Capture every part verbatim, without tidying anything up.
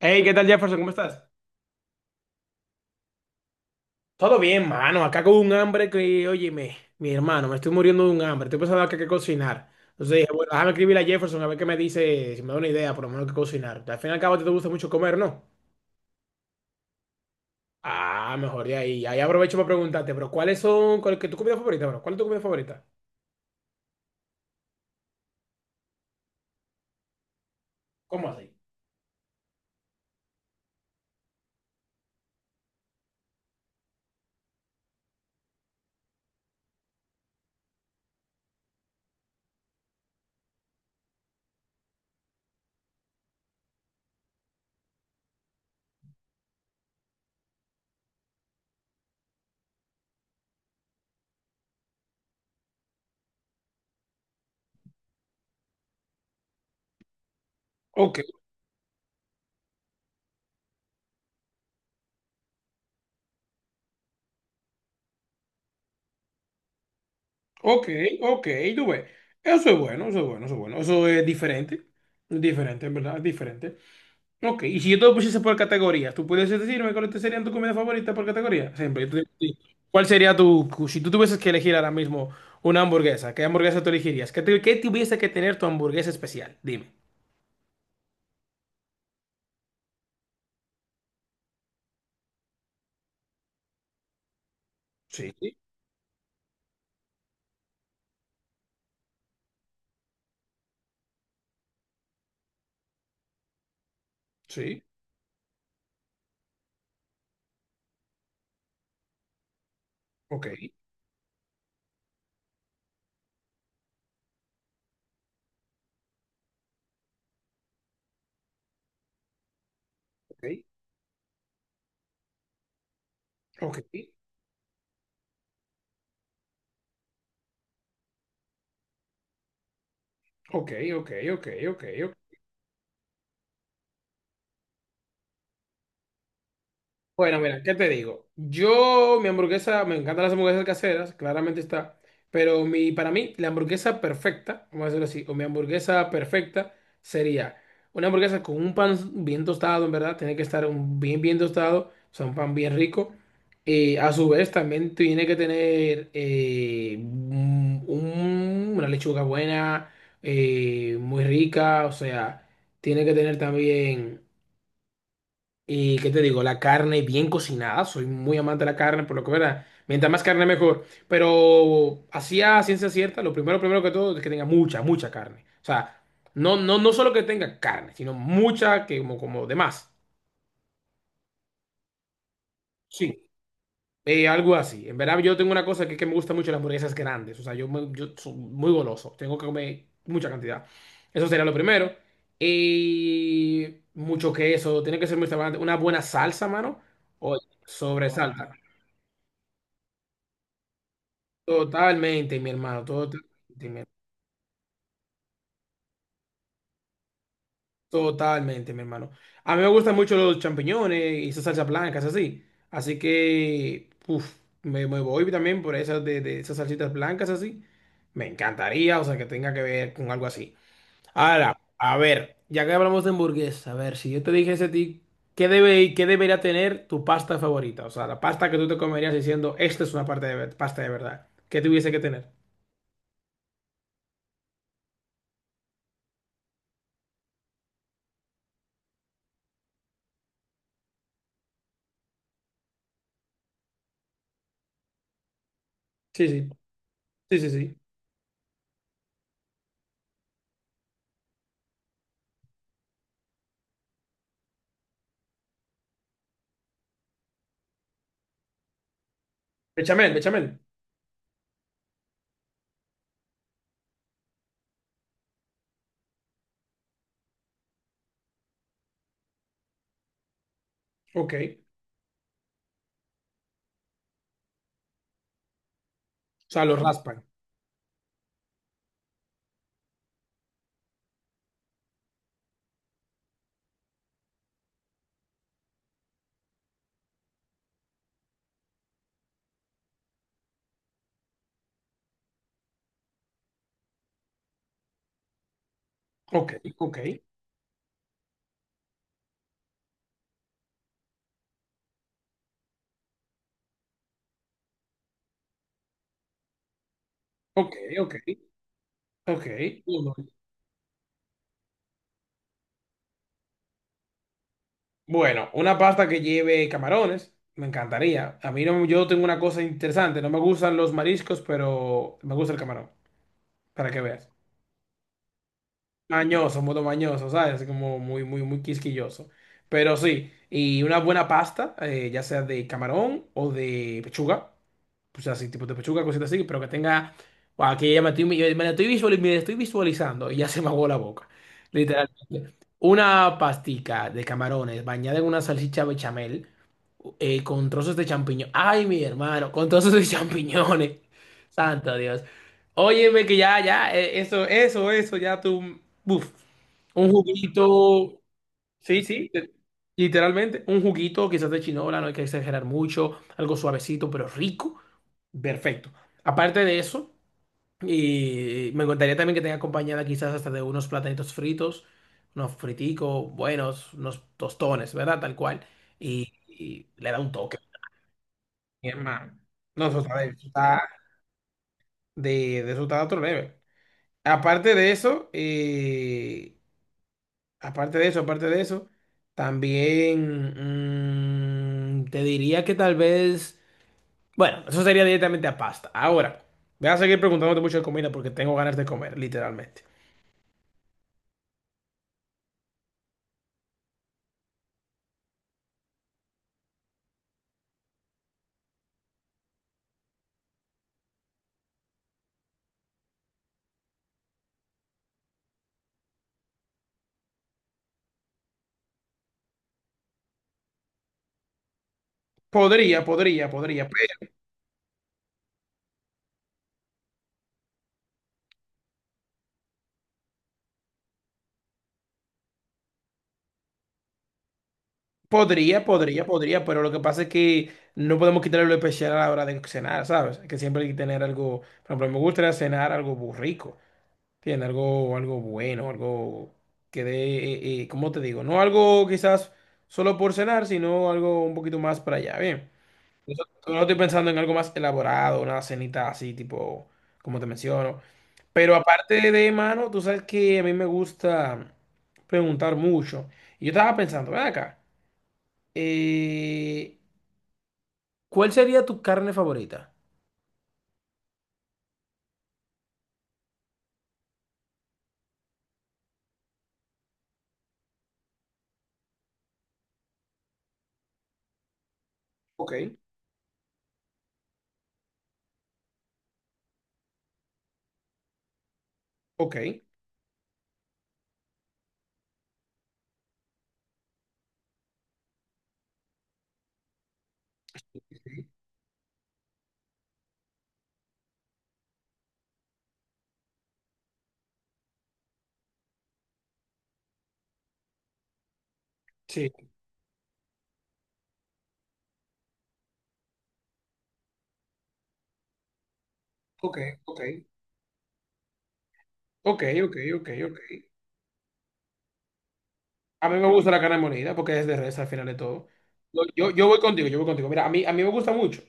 Hey, ¿qué tal, Jefferson? ¿Cómo estás? Todo bien, mano. Acá con un hambre que, óyeme, mi hermano, me estoy muriendo de un hambre. Estoy pensando acá qué cocinar. Entonces dije, bueno, déjame escribirle a Jefferson a ver qué me dice, si me da una idea, por lo menos qué cocinar. Al fin y al cabo, a ti te gusta mucho comer, ¿no? Ah, mejor de ahí. Ahí aprovecho para preguntarte, pero ¿cuáles son, ¿cuál es tu comida favorita, bro? ¿Cuál es tu comida favorita? ¿Cómo así? Ok, ok, ok, tú ves. Eso es bueno, eso es bueno, eso es bueno. Eso es diferente. Diferente, en verdad, es diferente. Ok, y si yo te lo pusiese por categorías, ¿tú puedes decirme cuáles te serían tus comidas favoritas por categoría? Siempre. Yo te digo a ti, ¿cuál sería tu, si tú tuvieses que elegir ahora mismo una hamburguesa, ¿qué hamburguesa tú elegirías? ¿Qué, te- qué tuviese que tener tu hamburguesa especial? Dime. Sí, sí, ok, ok, ok, ok, ok, ok, ok. Bueno, mira, ¿qué te digo? Yo, mi hamburguesa, me encantan las hamburguesas caseras, claramente está, pero mi, para mí, la hamburguesa perfecta, vamos a decirlo así, o mi hamburguesa perfecta sería una hamburguesa con un pan bien tostado, en verdad, tiene que estar un bien, bien tostado, o sea, un pan bien rico, y a su vez también tiene que tener eh, un- un- una lechuga buena, eh, muy rica, o sea, tiene que tener también y qué te digo, la carne bien cocinada, soy muy amante de la carne, por lo que verdad, mientras más carne mejor. Pero así a ciencia cierta, lo primero, primero que todo es que tenga mucha, mucha carne. O sea, no, no, no solo que tenga carne, sino mucha que como, como de más. Sí, eh, algo así. En verdad, yo tengo una cosa que que me gusta mucho las hamburguesas grandes. O sea, yo, me- yo soy muy goloso, tengo que comer mucha cantidad. Eso sería lo primero. Y mucho queso, tiene que ser muy restaurante. Una buena salsa, mano. Oye, sobre salsa. Totalmente, mi hermano, totalmente, mi, totalmente, mi hermano. A mí me gustan mucho los champiñones y esas salsas blancas, así. Así que, uf, me, me voy también por esas de, de esas salsitas blancas, así. Me encantaría, o sea, que tenga que ver con algo así. Ahora, a ver, ya que hablamos de hamburguesa, a ver, si yo te dijese a ti, ¿qué debe, qué debería tener tu pasta favorita? O sea, la pasta que tú te comerías diciendo, esta es una parte de, ver- pasta de verdad. ¿Qué tuviese que tener? Sí, sí, sí, sí, sí. Bechamel, bechamel. Ok. O sea, lo raspan. Ok, ok, ok, ok, ok. Bueno, una pasta que lleve camarones, me encantaría. A mí no, yo tengo una cosa interesante, no me gustan los mariscos, pero me gusta el camarón, para que veas. Mañoso, modo mañoso, ¿sabes? Así como muy, muy, muy quisquilloso. Pero sí, y una buena pasta, eh, ya sea de camarón o de pechuga. Pues así, tipo de pechuga, cositas así, pero que tenga. Guau, aquí ya me estoy, me la estoy visualiz- me la estoy visualizando y ya se me aguó la boca. Literalmente. Una pastica de camarones bañada en una salchicha bechamel eh, con trozos de champiñón. Ay, mi hermano, con trozos de champiñones. Santo Dios. Óyeme que ya, ya, eh, eso, eso, eso, ya tú. Buf. Un juguito. Sí, sí, te- literalmente. Un juguito quizás de chinola, no hay que exagerar mucho, algo suavecito pero rico. Perfecto. Aparte de eso, y me encantaría también que tenga acompañada quizás hasta de unos platanitos fritos, unos friticos buenos, unos tostones, ¿verdad? Tal cual. Y, y le da un toque. Mi hermano. No, eso está de, eso está de, de, eso está a otro nivel. Aparte de eso, eh, aparte de eso, aparte de eso, también mm, te diría que tal vez, bueno, eso sería directamente a pasta. Ahora, voy a seguir preguntándote mucho de comida porque tengo ganas de comer, literalmente. Podría, podría, podría, pe- podría, podría, podría, pero lo que pasa es que no podemos quitarle lo especial a la hora de cenar, ¿sabes? Que siempre hay que tener algo, por ejemplo, me gustaría cenar algo muy rico. Tiene algo, algo bueno, algo que dé, eh, eh, ¿cómo te digo? No algo quizás solo por cenar, sino algo un poquito más para allá. Bien. Eso- No estoy pensando en algo más elaborado, una cenita así, tipo, como te menciono. Pero aparte de mano, tú sabes que a mí me gusta preguntar mucho. Y yo estaba pensando, ven acá, eh, ¿cuál sería tu carne favorita? Ok, ok. Sí, ok, ok. Ok, ok, ok, ok. A mí me gusta la carne molida porque es de res al final de todo. Yo, yo, yo voy contigo, yo voy contigo. Mira, a mí, a mí me gusta mucho,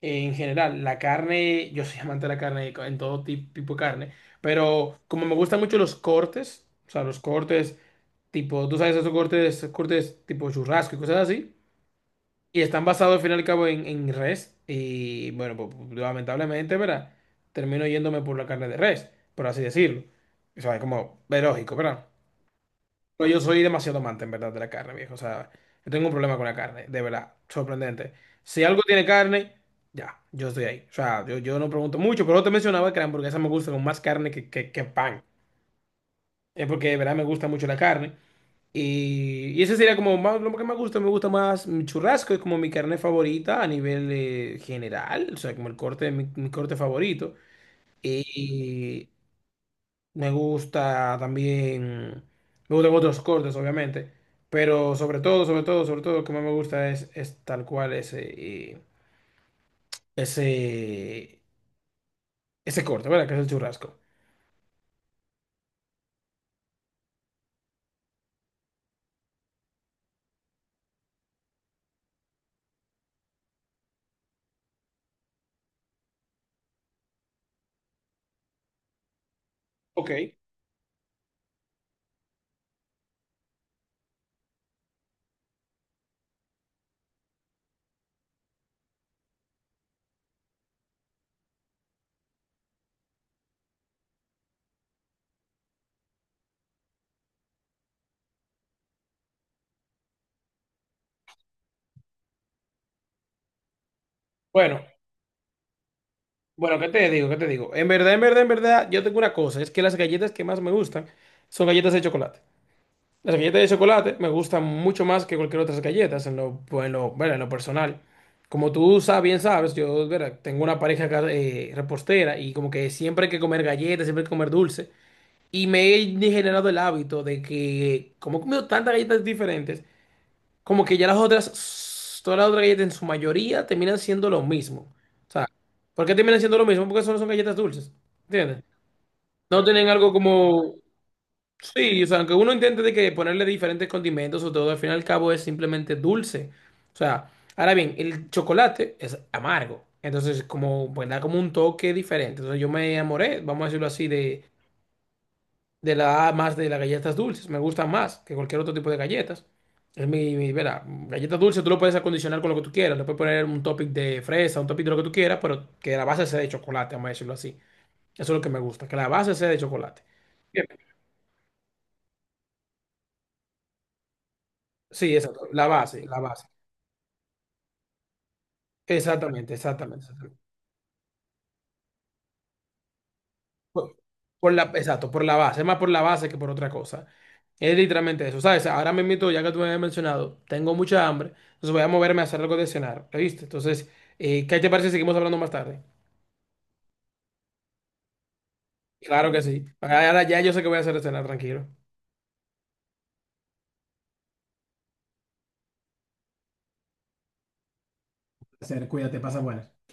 eh, en general, la carne, yo soy amante de la carne, en todo ti- tipo de carne, pero como me gustan mucho los cortes, o sea, los cortes tipo, tú sabes, esos cortes, cortes tipo churrasco y cosas así, y están basados al final y al cabo en, en res, y bueno, pues, pues, lamentablemente, ¿verdad? Termino yéndome por la carne de res, por así decirlo. O sea, es como, es lógico, ¿verdad? No, yo soy demasiado amante, en verdad, de la carne, viejo. O sea, yo tengo un problema con la carne, de verdad, sorprendente. Si algo tiene carne, ya, yo estoy ahí. O sea, yo, yo no pregunto mucho, pero te mencionaba que la hamburguesa me gusta con más carne que, que, que pan. Es porque, de verdad, me gusta mucho la carne. Y, y ese sería como más, lo que me gusta, me gusta más mi churrasco, es como mi carne favorita a nivel eh, general, o sea, como el corte, mi, mi corte favorito. Y, me gusta también, me gustan otros cortes, obviamente, pero sobre todo, sobre todo, sobre todo, lo que más me gusta es, es tal cual ese, eh, ese, ese corte, ¿verdad? Que es el churrasco. Ok. Bueno, bueno, ¿qué te digo? ¿Qué te digo? En verdad, en verdad, en verdad, yo tengo una cosa, es que las galletas que más me gustan son galletas de chocolate. Las galletas de chocolate me gustan mucho más que cualquier otras galletas en lo, pues, en lo, bueno, en lo personal. Como tú sabes, bien sabes, yo verá, tengo una pareja acá, eh, repostera y como que siempre hay que comer galletas, siempre hay que comer dulce. Y me he generado el hábito de que como he comido tantas galletas diferentes, como que ya las otras, todas las otras galletas en su mayoría terminan siendo lo mismo. O sea, ¿por qué terminan siendo lo mismo? Porque solo son galletas dulces. ¿Entiendes? No tienen algo como... Sí, o sea, aunque uno intente de que ponerle diferentes condimentos o todo, al fin y al cabo es simplemente dulce. O sea, ahora bien, el chocolate es amargo. Entonces, como, pues da como un toque diferente. Entonces, yo me enamoré, vamos a decirlo así, de, de la más de las galletas dulces. Me gustan más que cualquier otro tipo de galletas. Es mi, mi, verá, galletas dulces tú lo puedes acondicionar con lo que tú quieras. Le puedes poner un topping de fresa, un topping de lo que tú quieras, pero que la base sea de chocolate, vamos a decirlo así. Eso es lo que me gusta, que la base sea de chocolate. Bien. Sí, exacto, la base, la base. Exactamente, exactamente, exactamente. Por, por la, exacto, por la base, es más por la base que por otra cosa. Es literalmente eso, ¿sabes? Ahora me invito, ya que tú me habías mencionado, tengo mucha hambre, entonces voy a moverme a hacer algo de cenar, ¿viste? Entonces, eh, ¿qué te parece si seguimos hablando más tarde? Claro que sí. Ahora ya yo sé que voy a hacer de cenar, tranquilo. Hacer, cuídate, pasa buenas.